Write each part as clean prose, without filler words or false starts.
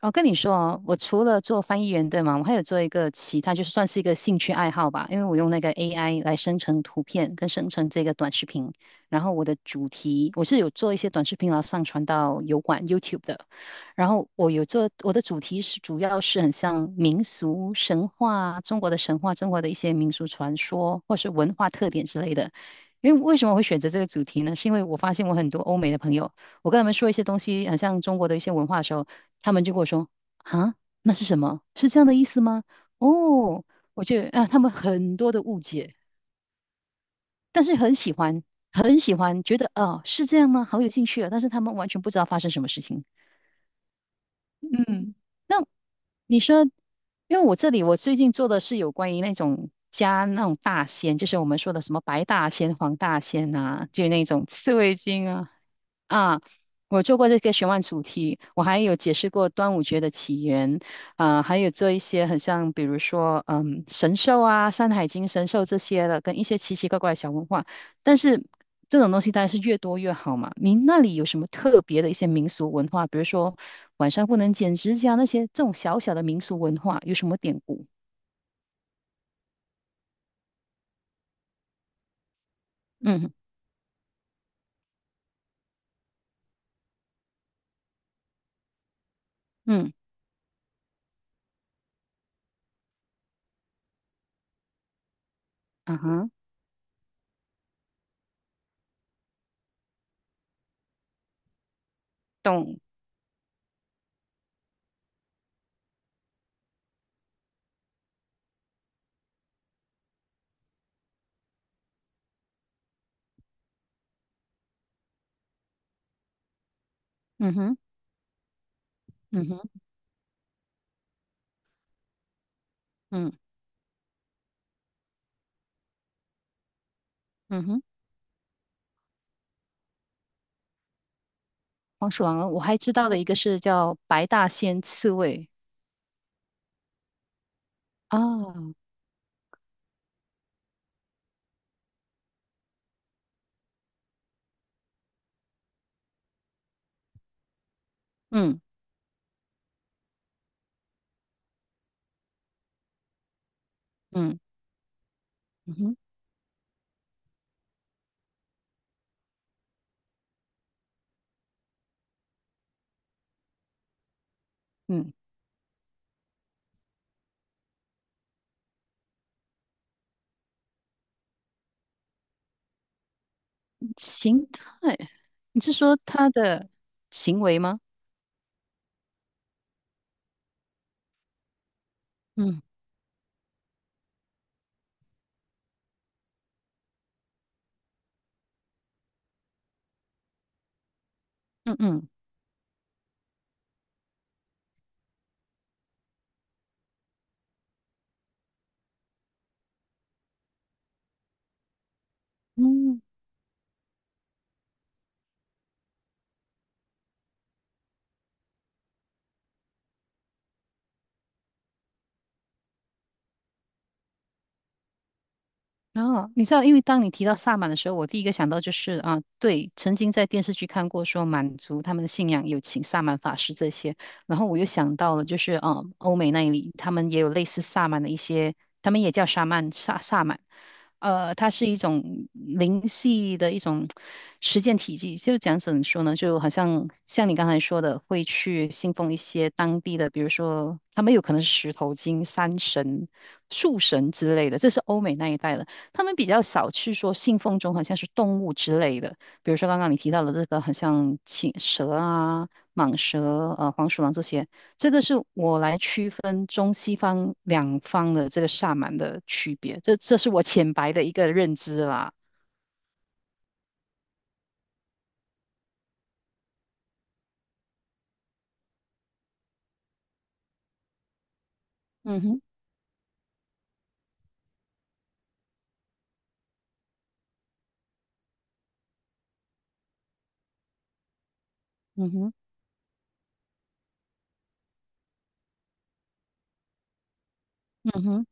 我跟你说哦，我除了做翻译员，对吗？我还有做一个其他，就是算是一个兴趣爱好吧。因为我用那个 AI 来生成图片跟生成这个短视频，然后我的主题我是有做一些短视频，然后上传到油管 YouTube 的。然后我有做我的主题是主要是很像民俗神话、中国的神话、中国的一些民俗传说或是文化特点之类的。因为为什么会选择这个主题呢？是因为我发现我很多欧美的朋友，我跟他们说一些东西，很像中国的一些文化的时候。他们就跟我说："啊，那是什么？是这样的意思吗？"哦，我就他们很多的误解，但是很喜欢，很喜欢，觉得哦是这样吗？好有兴趣啊！但是他们完全不知道发生什么事情。嗯。那你说，因为我这里我最近做的是有关于那种大仙，就是我们说的什么白大仙、黄大仙啊，就那种刺猬精啊。啊，我做过这个玄幻主题，我还有解释过端午节的起源，啊、还有做一些很像，比如说，嗯，神兽啊，《山海经》神兽这些的，跟一些奇奇怪怪的小文化。但是这种东西当然是越多越好嘛。您那里有什么特别的一些民俗文化，比如说晚上不能剪指甲那些这种小小的民俗文化，有什么典故？嗯。嗯。啊哈。懂。嗯哼。嗯哼。嗯。嗯哼。黄鼠狼，我还知道的一个是叫白大仙刺猬啊。嗯。嗯。嗯哼。嗯。形态，你是说它的行为吗？嗯。嗯。嗯。嗯。然后你知道，因为当你提到萨满的时候，我第一个想到就是啊，对，曾经在电视剧看过说满族他们的信仰有请萨满法师这些，然后我又想到了就是啊，欧美那里他们也有类似萨满的一些，他们也叫沙曼萨满，它是一种灵系的一种实践体系，就讲怎么说呢，就好像你刚才说的，会去信奉一些当地的，比如说他们有可能是石头精、山神。树神之类的，这是欧美那一带的。他们比较少去说信奉中好像是动物之类的，比如说刚刚你提到的这个很像青蛇啊、蟒蛇、黄鼠狼这些，这个是我来区分中西方两方的这个萨满的区别，这是我浅白的一个认知啦。嗯哼。嗯哼。嗯哼。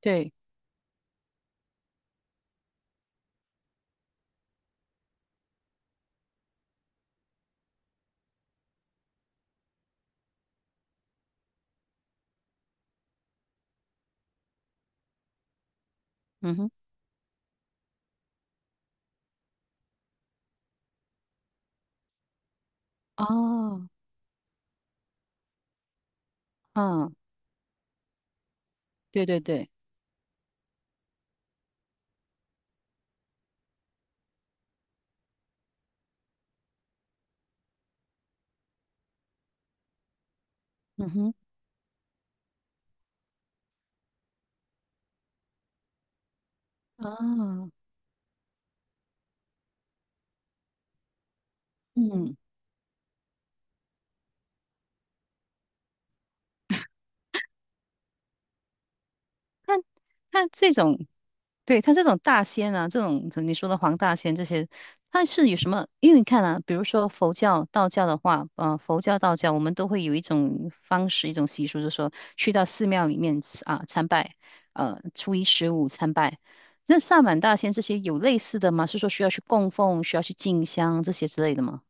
对。嗯哼。哦。啊。对对对。嗯哼。啊。嗯。那那这种。对，它这种大仙啊，这种你说的黄大仙这些，它是有什么？因为你看啊，比如说佛教、道教的话，佛教、道教，我们都会有一种方式、一种习俗，就是说去到寺庙里面啊参拜，初一十五参拜。那萨满大仙这些有类似的吗？是说需要去供奉、需要去进香这些之类的吗？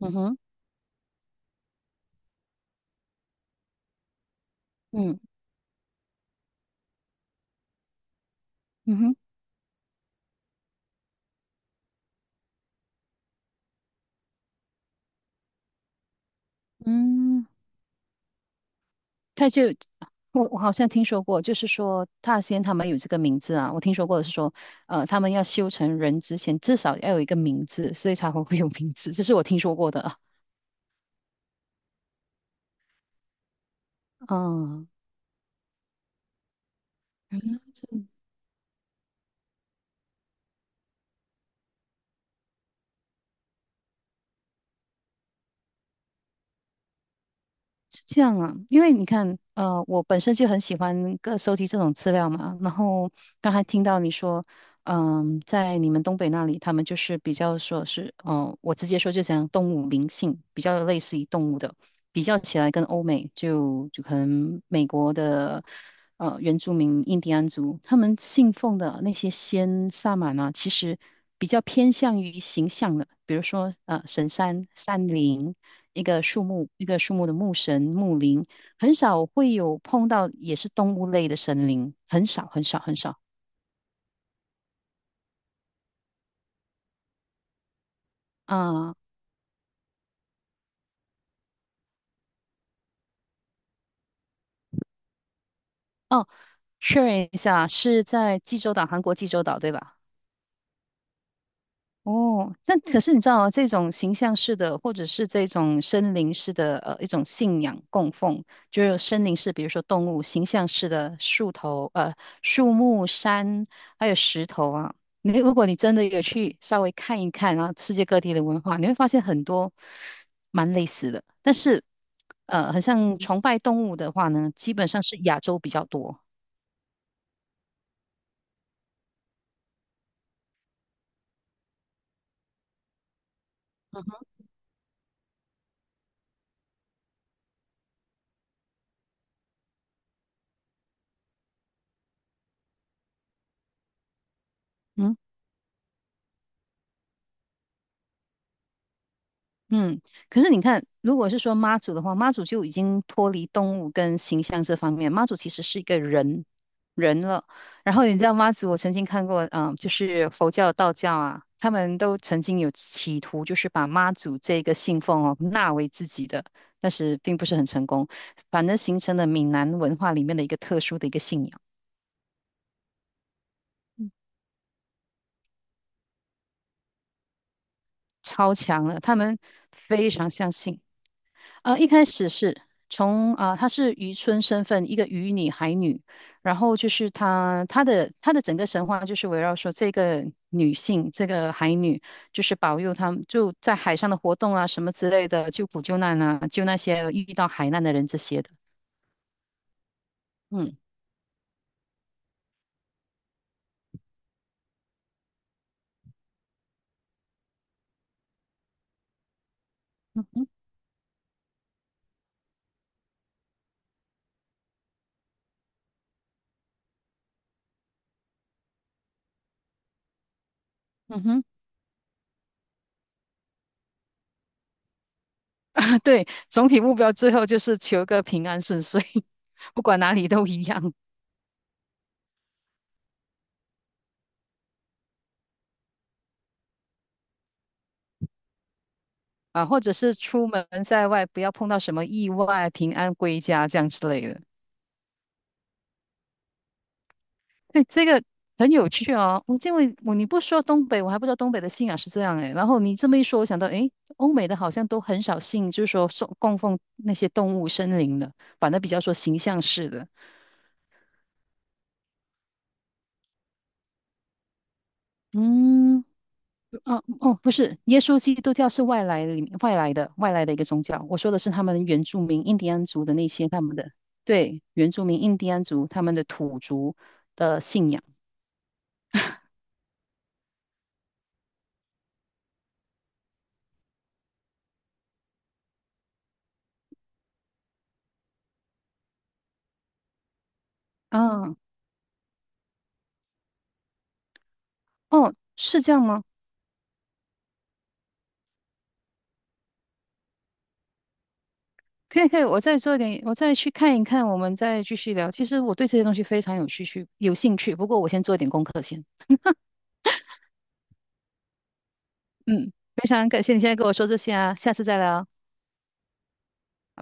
嗯哼。嗯。嗯哼。嗯。他就我好像听说过，就是说大仙他们有这个名字啊，我听说过的是说，呃，他们要修成人之前至少要有一个名字，所以才会会有名字，这是我听说过的啊。嗯。是这样啊，因为你看，呃，我本身就很喜欢各收集这种资料嘛，然后刚才听到你说。嗯，在你们东北那里，他们就是比较说是，嗯、我直接说就讲动物灵性，比较类似于动物的，比较起来跟欧美就可能美国的。原住民印第安族，他们信奉的那些仙萨满啊，其实比较偏向于形象的，比如说神山、山林，一个树木，一个树木的木神、木灵，很少会有碰到也是动物类的神灵，很少很少很少。啊、哦，确认一下，是在济州岛，韩国济州岛对吧？哦，那可是你知道啊这种形象式的，或者是这种森林式的，一种信仰供奉，就是森林式，比如说动物形象式的树头，树木、山，还有石头啊。你如果你真的有去稍微看一看啊，世界各地的文化，你会发现很多蛮类似的。但是，很像崇拜动物的话呢，基本上是亚洲比较多。嗯。嗯，可是你看，如果是说妈祖的话，妈祖就已经脱离动物跟形象这方面，妈祖其实是一个人。人了。然后你知道妈祖，我曾经看过，嗯、就是佛教、道教啊，他们都曾经有企图，就是把妈祖这个信奉哦纳为自己的，但是并不是很成功，反而形成了闽南文化里面的一个特殊的一个信仰，超强了，他们非常相信。一开始是她是渔村身份，一个渔女、海女，然后就是她的整个神话就是围绕说这个女性，这个海女，就是保佑他们就在海上的活动啊，什么之类的，救苦救难啊，救那些遇到海难的人这些的。嗯。嗯哼。嗯哼。对，总体目标最后就是求个平安顺遂，不管哪里都一样啊，或者是出门在外不要碰到什么意外，平安归家这样之类的。对，这个很有趣哦。因为你不说东北，我还不知道东北的信仰是这样诶。然后你这么一说，我想到诶，欧美的好像都很少信，就是说送供奉那些动物、森林的，反正比较说形象式的。嗯，哦哦，不是，耶稣基督教是外来的一个宗教。我说的是他们原住民印第安族的那些他们的，对，原住民印第安族他们的土族的信仰啊。哦，是这样吗？可以可以，我再做点，我再去看一看，我们再继续聊。其实我对这些东西非常有兴趣。不过我先做点功课先。嗯，非常感谢你现在跟我说这些啊，下次再聊。好吗？